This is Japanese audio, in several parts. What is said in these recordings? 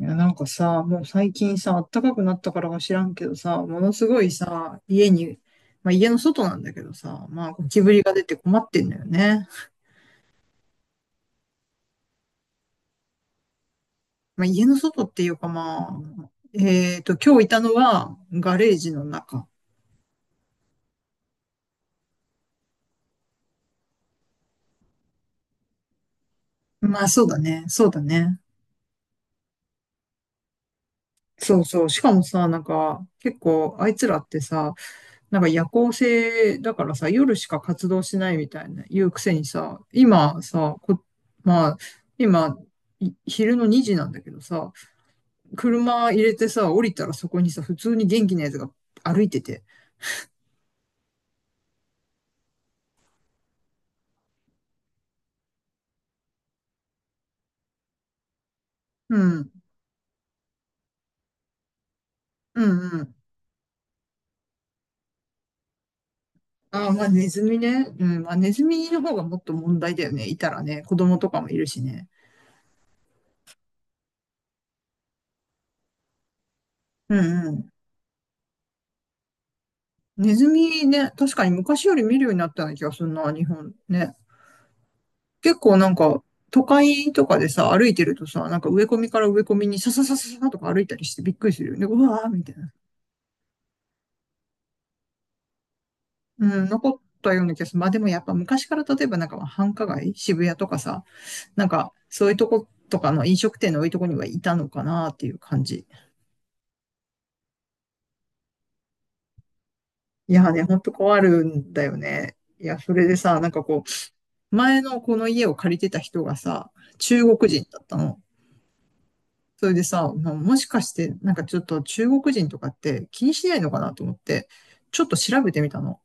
いや、なんかさ、もう最近さ、暖かくなったからか知らんけどさ、ものすごいさ、家に、まあ家の外なんだけどさ、まあゴキブリが出て困ってんだよね。まあ家の外っていうかまあ、今日いたのはガレージの中。まあそうだね、そうだね。そうそう。しかもさ、なんか、結構あいつらってさ、なんか夜行性だからさ、夜しか活動しないみたいな言うくせにさ、今さ、こ、まあ、今、い昼の2時なんだけどさ、車入れてさ、降りたらそこにさ、普通に元気なやつが歩いてて。うん、うん、うん。ああ、まあネズミね。うん、まあネズミの方がもっと問題だよね。いたらね、子供とかもいるしね。うん、うん。ネズミね、確かに昔より見るようになったような気がするな、日本ね。結構なんか、都会とかでさ、歩いてるとさ、なんか植え込みから植え込みにさささささとか歩いたりしてびっくりするよね。うわーみたいな。うん、残ったような気がする。まあでもやっぱ昔から例えばなんかまあ繁華街、渋谷とかさ、なんかそういうとことかの飲食店の多いとこにはいたのかなっていう感じ。いやーね、ほんと困るんだよね。いや、それでさ、前のこの家を借りてた人がさ、中国人だったの。それでさ、まあ、もしかして、なんかちょっと中国人とかって気にしないのかなと思って、ちょっと調べてみたの。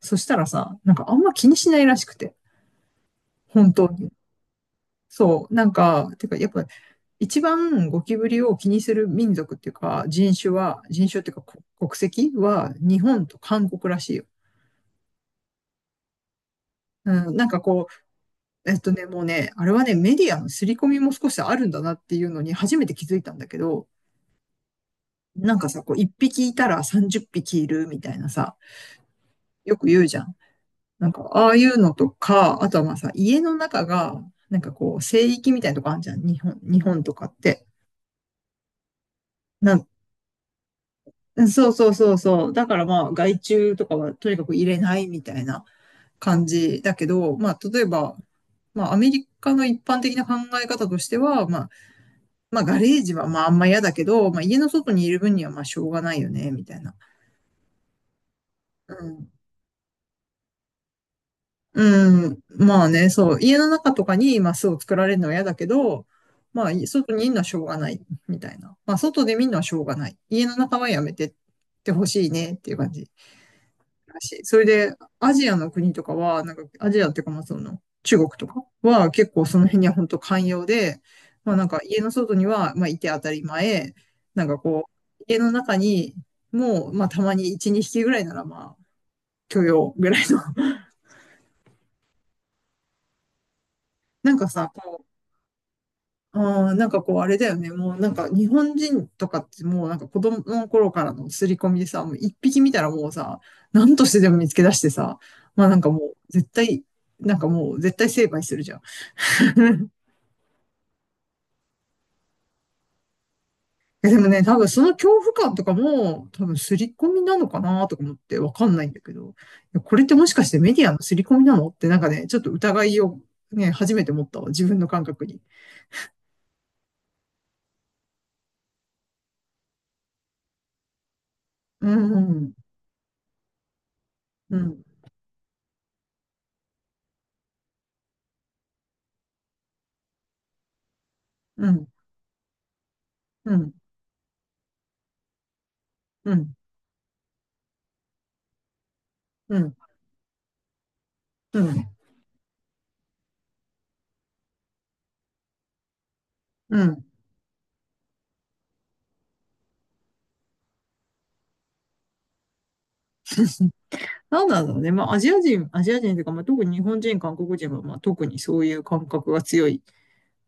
そしたらさ、なんかあんま気にしないらしくて、本当に。そう、なんか、てかやっぱ、一番ゴキブリを気にする民族っていうか、人種っていうかこ国籍は日本と韓国らしいよ。うん、もうね、あれはね、メディアの刷り込みも少しあるんだなっていうのに初めて気づいたんだけど、なんかさ、こう、一匹いたら30匹いるみたいなさ、よく言うじゃん。なんか、ああいうのとか、あとはまあさ、家の中が、なんかこう、聖域みたいなとこあるじゃん。日本とかって。なんそうそうそうそう。だからまあ、害虫とかはとにかく入れないみたいな感じだけど、まあ、例えば、まあ、アメリカの一般的な考え方としては、まあ、まあ、ガレージはまあ、あんま嫌だけど、まあ、家の外にいる分にはまあ、しょうがないよね、みたいな。うん。うん、まあね、そう、家の中とかに、まあ、巣を作られるのは嫌だけど、まあ、い外にいるのはしょうがない、みたいな。まあ、外で見るのはしょうがない。家の中はやめてってほしいねっていう感じだしそれで、アジアの国とかは、なんか、アジアっていうか、まあ、その、中国とかは結構その辺には本当寛容で、まあ、なんか、家の外には、まあ、いて当たり前、なんかこ家の中にも、まあ、たまに1、2匹ぐらいなら、まあ、許容ぐらいの。なんかさ、こう、なんかこう、あれだよね。もうなんか日本人とかってもうなんか子供の頃からの刷り込みでさ、もう一匹見たらもうさ、何としてでも見つけ出してさ、まあなんかもう絶対、なんかもう絶対成敗するじゃん。でもね、多分その恐怖感とかも多分刷り込みなのかなとか思ってわかんないんだけど、いやこれってもしかしてメディアの刷り込みなのってなんかね、ちょっと疑いをね、初めて持ったわ。自分の感覚に。うん、うん、うん、うん、うん、うん、うん、うん。なんなんだろうね。まあ、アジア人というか、まあ、特に日本人、韓国人は、まあ、特にそういう感覚が強い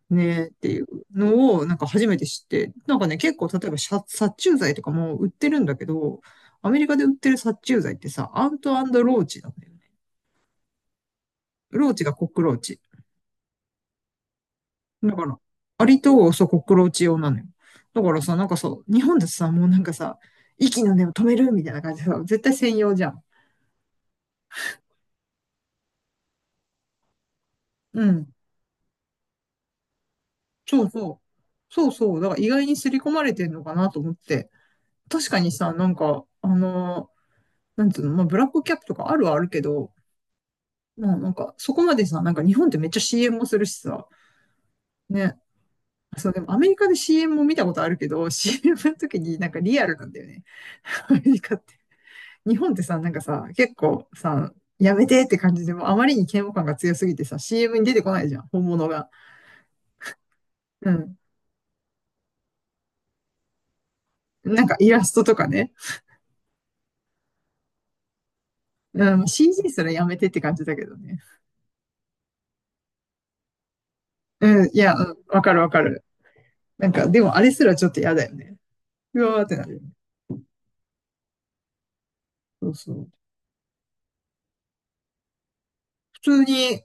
ねっていうのを、なんか初めて知って、なんかね、結構、例えば殺虫剤とかも売ってるんだけど、アメリカで売ってる殺虫剤ってさ、アントローチなんだよね。ローチがコックローチ。だから、アリとそうコックローチ用なのよ。だからさ、なんかさ、日本でさ、もうなんかさ、息の根を止めるみたいな感じでさ、絶対専用じゃん。うん。そうそう。そうそう。だから意外に刷り込まれてんのかなと思って。確かにさ、なんか、あのーなんつうの、まあ、ブラックキャップとかあるはあるけど、もうなんか、そこまでさ、なんか日本ってめっちゃ CM もするしさ、ね。そう、でもアメリカで CM も見たことあるけど、CM の時になんかリアルなんだよね。アメリカって。日本ってさ、なんかさ、結構さ、やめてって感じで、もうあまりに嫌悪感が強すぎてさ、CM に出てこないじゃん、本物が。うん。なんかイラストとかね。うん、CG すらやめてって感じだけどね。うん、いや、うん、わかるわかる。なんか、でもあれすらちょっと嫌だよね。うわーってなるよね。そうそう。普通に、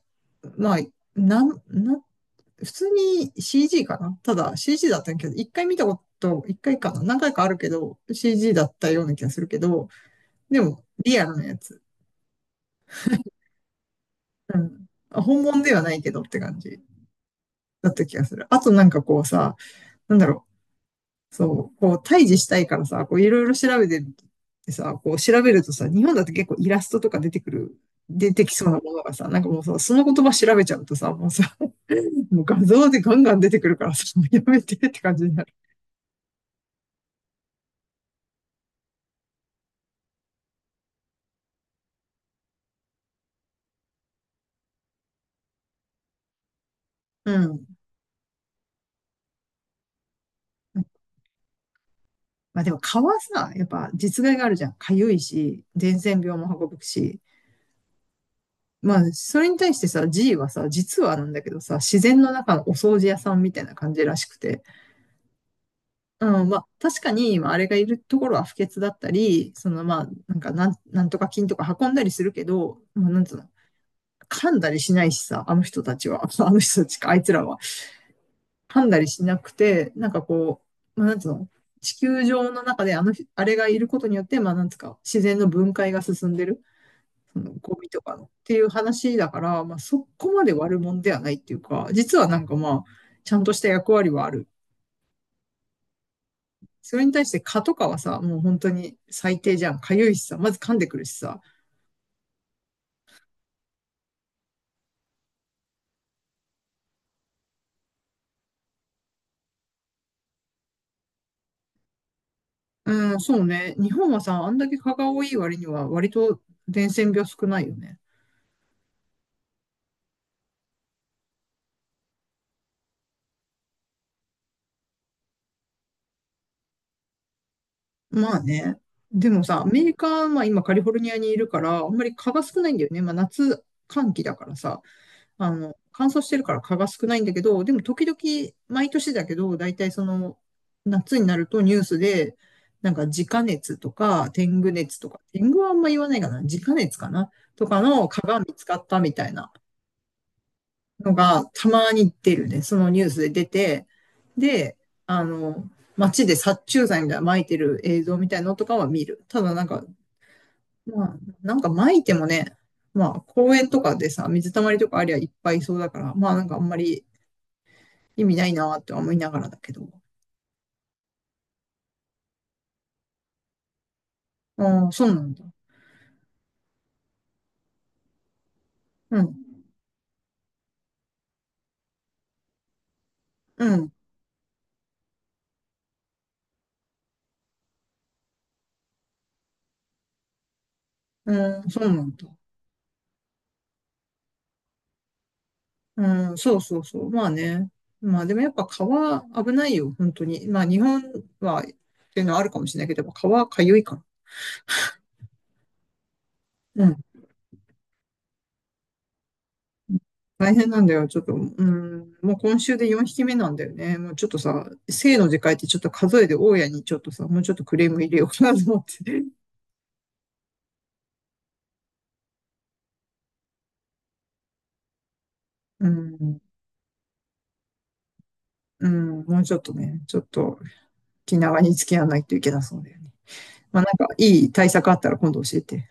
まあ、なん、な、普通に CG かなただ CG だったけど、一回見たこと、一回かな何回かあるけど、CG だったような気がするけど、でも、リアルなやつ。うん。本物ではないけどって感じだった気がする。あとなんかこうさ、なんだろう。そう、こう、対峙したいからさ、こう、いろいろ調べてってさ、こう、調べるとさ、日本だと結構イラストとか出てきそうなものがさ、なんかもうさ、その言葉調べちゃうとさ、もうさ、もう画像でガンガン出てくるからさ、もうやめてって感じになる。うん。まあでも蚊はさ、やっぱ実害があるじゃん。痒いし、伝染病も運ぶし。まあ、それに対してさ、G はさ、実はなんだけどさ、自然の中のお掃除屋さんみたいな感じらしくて。うん、まあ、確かに、まあ、あれがいるところは不潔だったり、その、まあ、なんか、なんとか菌とか運んだりするけど、まあ、なんつうの、噛んだりしないしさ、あの人たちは、あの人たちか、あいつらは、噛んだりしなくて、まあ、なんつうの、地球上の中であの、あれがいることによって、まあ、なんつうか、自然の分解が進んでる、その、ゴミとかの、っていう話だから、まあ、そこまで悪者ではないっていうか、実はなんかまあ、ちゃんとした役割はあるそれに対して蚊とかはさ、もう本当に最低じゃん。痒いしさ、まず噛んでくるしさ。うん、そうね。日本はさ、あんだけ蚊が多い割には割と伝染病少ないよね。まあね。でもさ、アメリカ、まあ今カリフォルニアにいるから、あんまり蚊が少ないんだよね。まあ夏、寒気だからさ。あの、乾燥してるから蚊が少ないんだけど、でも時々、毎年だけど、だいたいその、夏になるとニュースで、なんか自家熱とか、天狗熱とか、天狗はあんま言わないかな、自家熱かなとかの蚊が見つかったみたいなのがたまに出るね。そのニュースで出て、で、あの、街で殺虫剤みたいなの撒いてる映像みたいのとかは見る。ただなんか、まあ、なんか撒いてもね、まあ公園とかでさ、水たまりとかありゃいっぱいいそうだから、まあなんかあんまり意味ないなーって思いながらだけど。ああ、そうなんだ。うん、うん、うん、そうなんだ。うん、そうそうそう。まあね。まあでもやっぱ川危ないよ、本当に。まあ日本はっていうのはあるかもしれないけど、やっぱ川かゆいから。うん。大変なんだよ、ちょっと。うん、もう今週で4匹目なんだよね。もうちょっとさ、生の時界ってちょっと数えで大家にちょっとさ、もうちょっとクレーム入れようかなと思って。うん、うん、もうちょっとね、ちょっと気長に付き合わないといけなそうだよね。まあ、なんかいい対策あったら今度教えて。